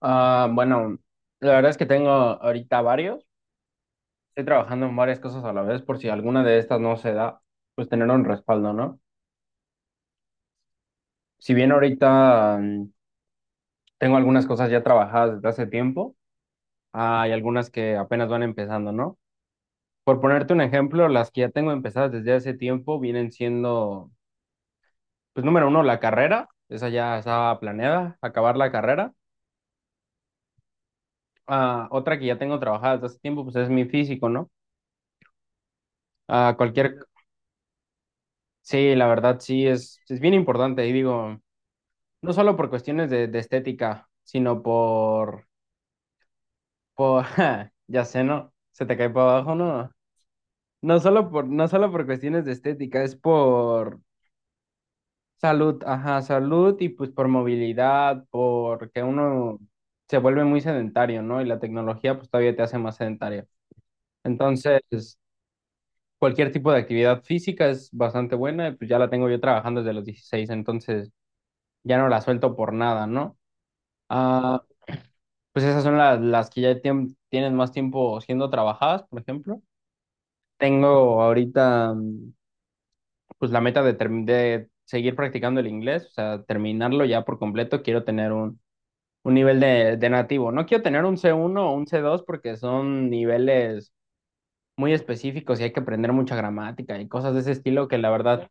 Ah, bueno, la verdad es que tengo ahorita varios. Estoy trabajando en varias cosas a la vez por si alguna de estas no se da, pues tener un respaldo, ¿no? Si bien ahorita tengo algunas cosas ya trabajadas desde hace tiempo, hay algunas que apenas van empezando, ¿no? Por ponerte un ejemplo, las que ya tengo empezadas desde hace tiempo vienen siendo, pues número uno, la carrera. Esa ya estaba planeada, acabar la carrera. Ah, otra que ya tengo trabajada desde hace tiempo, pues es mi físico, ¿no? A cualquier sí, la verdad sí, es bien importante. Y digo, no solo por cuestiones de estética, sino por, ja, ya sé, ¿no? Se te cae para abajo, ¿no? No solo por, no solo por cuestiones de estética, es por salud, ajá, salud y pues por movilidad, porque uno se vuelve muy sedentario, ¿no? Y la tecnología pues todavía te hace más sedentario. Entonces, cualquier tipo de actividad física es bastante buena y pues ya la tengo yo trabajando desde los 16, entonces ya no la suelto por nada, ¿no? Ah, pues esas son las que ya tienen más tiempo siendo trabajadas, por ejemplo. Tengo ahorita pues la meta de, de seguir practicando el inglés, o sea, terminarlo ya por completo. Quiero tener un nivel de nativo. No quiero tener un C1 o un C2 porque son niveles muy específicos y hay que aprender mucha gramática y cosas de ese estilo que la verdad...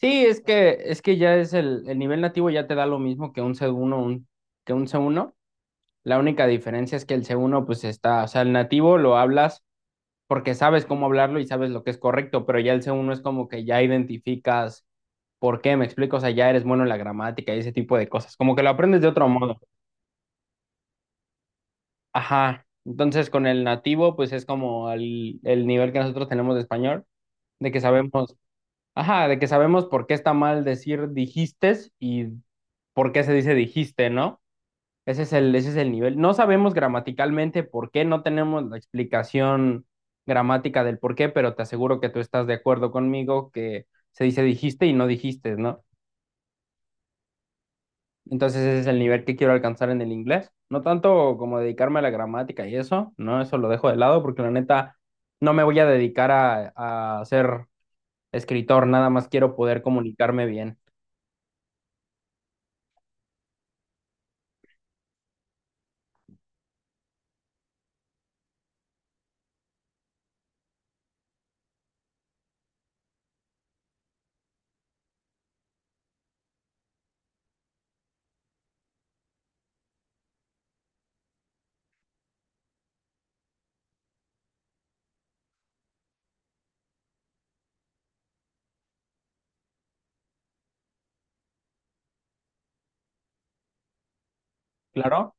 Sí, es que ya es el nivel nativo ya te da lo mismo que un C1, que un C1. La única diferencia es que el C1 pues está, o sea, el nativo lo hablas porque sabes cómo hablarlo y sabes lo que es correcto, pero ya el C1 es como que ya identificas por qué, me explico, o sea, ya eres bueno en la gramática y ese tipo de cosas, como que lo aprendes de otro modo. Ajá, entonces con el nativo pues es como el nivel que nosotros tenemos de español, de que sabemos, ajá, de que sabemos por qué está mal decir dijistes y por qué se dice dijiste, ¿no? Ese es el nivel. No sabemos gramaticalmente por qué, no tenemos la explicación gramática del por qué, pero te aseguro que tú estás de acuerdo conmigo que se dice dijiste y no dijiste, ¿no? Entonces ese es el nivel que quiero alcanzar en el inglés. No tanto como dedicarme a la gramática y eso, ¿no? Eso lo dejo de lado porque la neta no me voy a dedicar a ser escritor, nada más quiero poder comunicarme bien. ¿Claro?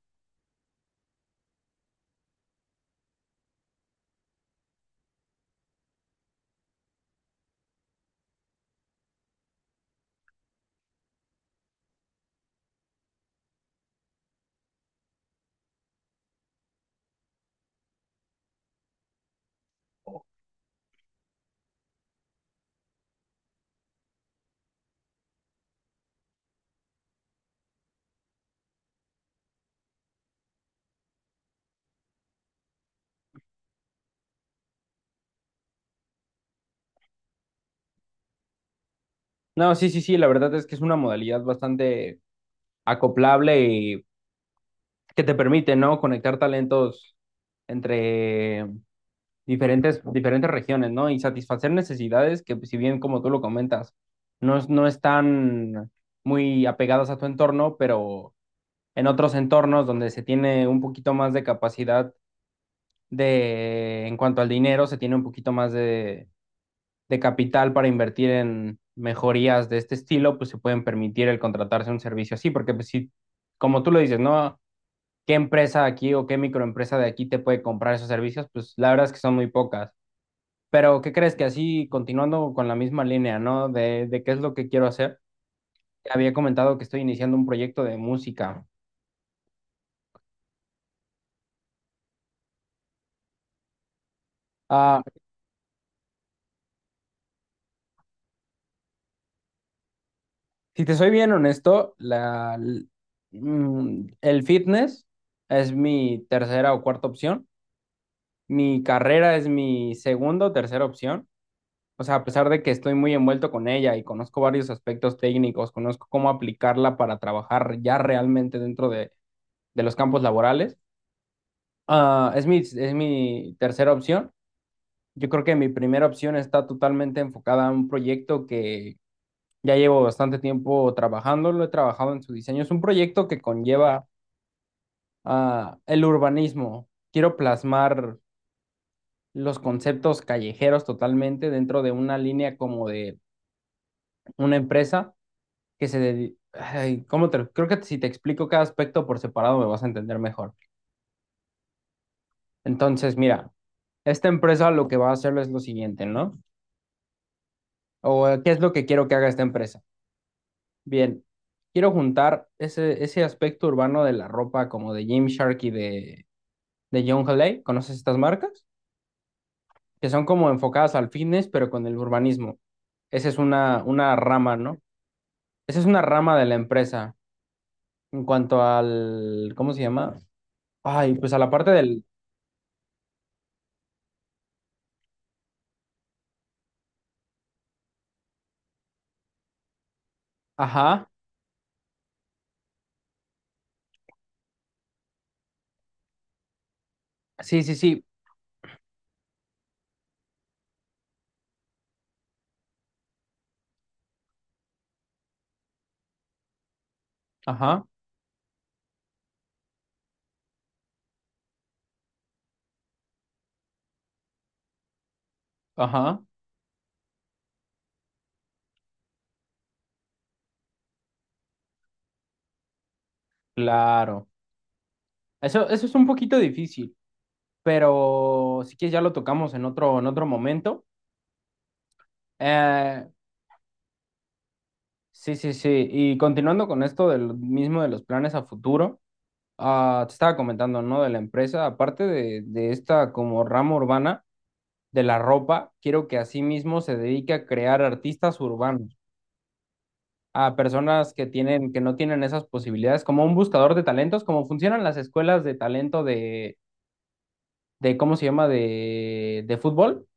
No, sí, sí, sí, la verdad es que es una modalidad bastante acoplable y que te permite, ¿no? Conectar talentos entre diferentes, diferentes regiones, ¿no? Y satisfacer necesidades que, si bien, como tú lo comentas, no, no están muy apegadas a tu entorno, pero en otros entornos donde se tiene un poquito más de capacidad en cuanto al dinero, se tiene un poquito más de, capital para invertir en mejorías de este estilo, pues se pueden permitir el contratarse un servicio así, porque pues, si, como tú lo dices, ¿no? Qué empresa aquí o qué microempresa de aquí te puede comprar esos servicios, pues la verdad es que son muy pocas. Pero ¿qué crees que así, continuando con la misma línea, ¿no? De qué es lo que quiero hacer. Te había comentado que estoy iniciando un proyecto de música. Ah, si te soy bien honesto, el fitness es mi tercera o cuarta opción. Mi carrera es mi segunda o tercera opción. O sea, a pesar de que estoy muy envuelto con ella y conozco varios aspectos técnicos, conozco cómo aplicarla para trabajar ya realmente dentro de los campos laborales, ah, es mi tercera opción. Yo creo que mi primera opción está totalmente enfocada a un proyecto que ya llevo bastante tiempo trabajando, lo he trabajado en su diseño. Es un proyecto que conlleva ah, el urbanismo. Quiero plasmar los conceptos callejeros totalmente dentro de una línea como de una empresa que se ay, ¿cómo te lo- creo que si te explico cada aspecto por separado me vas a entender mejor. Entonces, mira, esta empresa lo que va a hacer es lo siguiente, ¿no? O qué es lo que quiero que haga esta empresa. Bien, quiero juntar ese aspecto urbano de la ropa como de Gymshark y de John Halley. ¿Conoces estas marcas? Que son como enfocadas al fitness, pero con el urbanismo. Esa es una rama, ¿no? Esa es una rama de la empresa. En cuanto al ¿cómo se llama? Ay, pues a la parte del, ajá, sí, sí, sí. Ajá, ajá, claro. Eso es un poquito difícil, pero si quieres ya lo tocamos en otro momento. Eh, sí, sí, sí. Y continuando con esto del mismo de los planes a futuro, ah, te estaba comentando, ¿no? De la empresa, aparte de esta como rama urbana de la ropa, quiero que asimismo se dedique a crear artistas urbanos, a personas que tienen, que no tienen esas posibilidades, como un buscador de talentos, como funcionan las escuelas de talento de cómo se llama de, fútbol.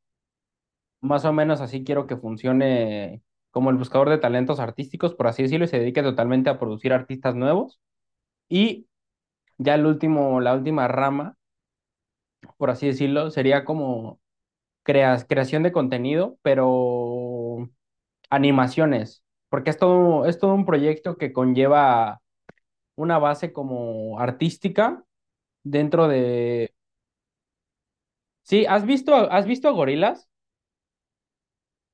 Más o menos así quiero que funcione como el buscador de talentos artísticos, por así decirlo, y se dedique totalmente a producir artistas nuevos. Y ya el último, la última rama, por así decirlo, sería como creación de contenido, pero animaciones, porque es todo un proyecto que conlleva una base como artística dentro de... Sí, has visto a gorilas?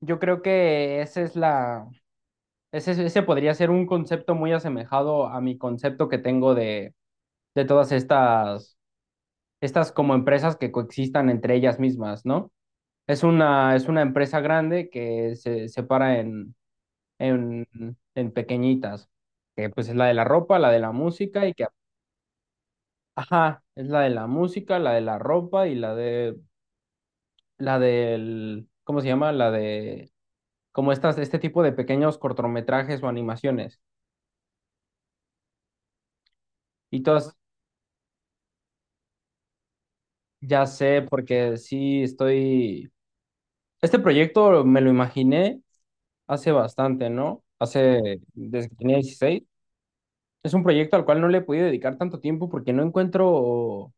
Yo creo que esa es ese, ese podría ser un concepto muy asemejado a mi concepto que tengo de todas estas, como empresas que coexistan entre ellas mismas, ¿no? Es una empresa grande que se separa en, en, en pequeñitas, que pues es la de la ropa, la de la música y que, ajá, es la de la música, la de la ropa y la de, la del, ¿cómo se llama? La de, como estas, este tipo de pequeños cortometrajes o animaciones. Y todas ya sé, porque sí estoy. Este proyecto me lo imaginé hace bastante, ¿no? Hace, desde que tenía 16. Es un proyecto al cual no le he podido dedicar tanto tiempo porque no encuentro.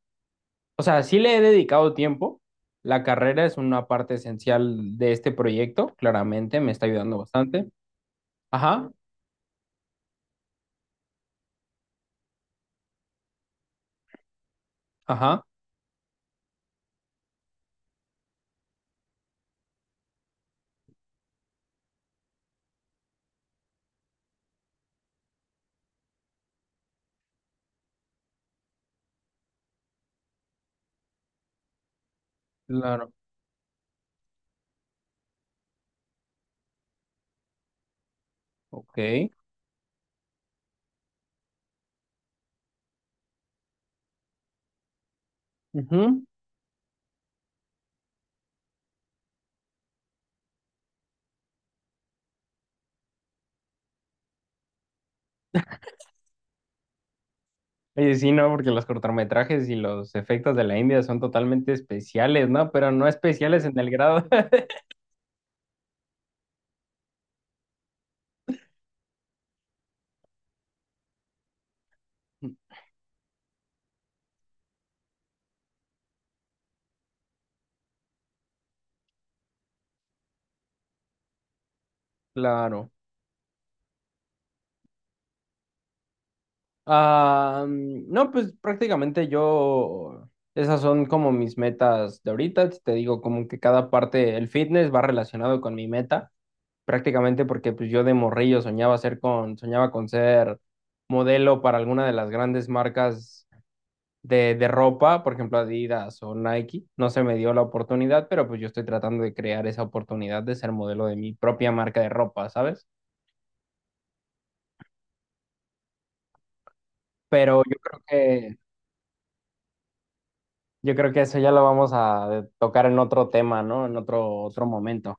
O sea, sí le he dedicado tiempo. La carrera es una parte esencial de este proyecto, claramente, me está ayudando bastante. Ajá, ajá, claro, ok. Ujú. Oye, sí, no, porque los cortometrajes y los efectos de la India son totalmente especiales, ¿no? Pero no especiales en el grado. Claro. Ah, mm, no, pues prácticamente yo, esas son como mis metas de ahorita. Si te digo como que cada parte, el fitness va relacionado con mi meta, prácticamente porque pues yo de morrillo soñaba ser con, soñaba con ser modelo para alguna de las grandes marcas de ropa, por ejemplo Adidas o Nike. No se me dio la oportunidad, pero pues yo estoy tratando de crear esa oportunidad de ser modelo de mi propia marca de ropa, ¿sabes? Pero yo creo que yo creo que eso ya lo vamos a tocar en otro tema, ¿no? En otro momento.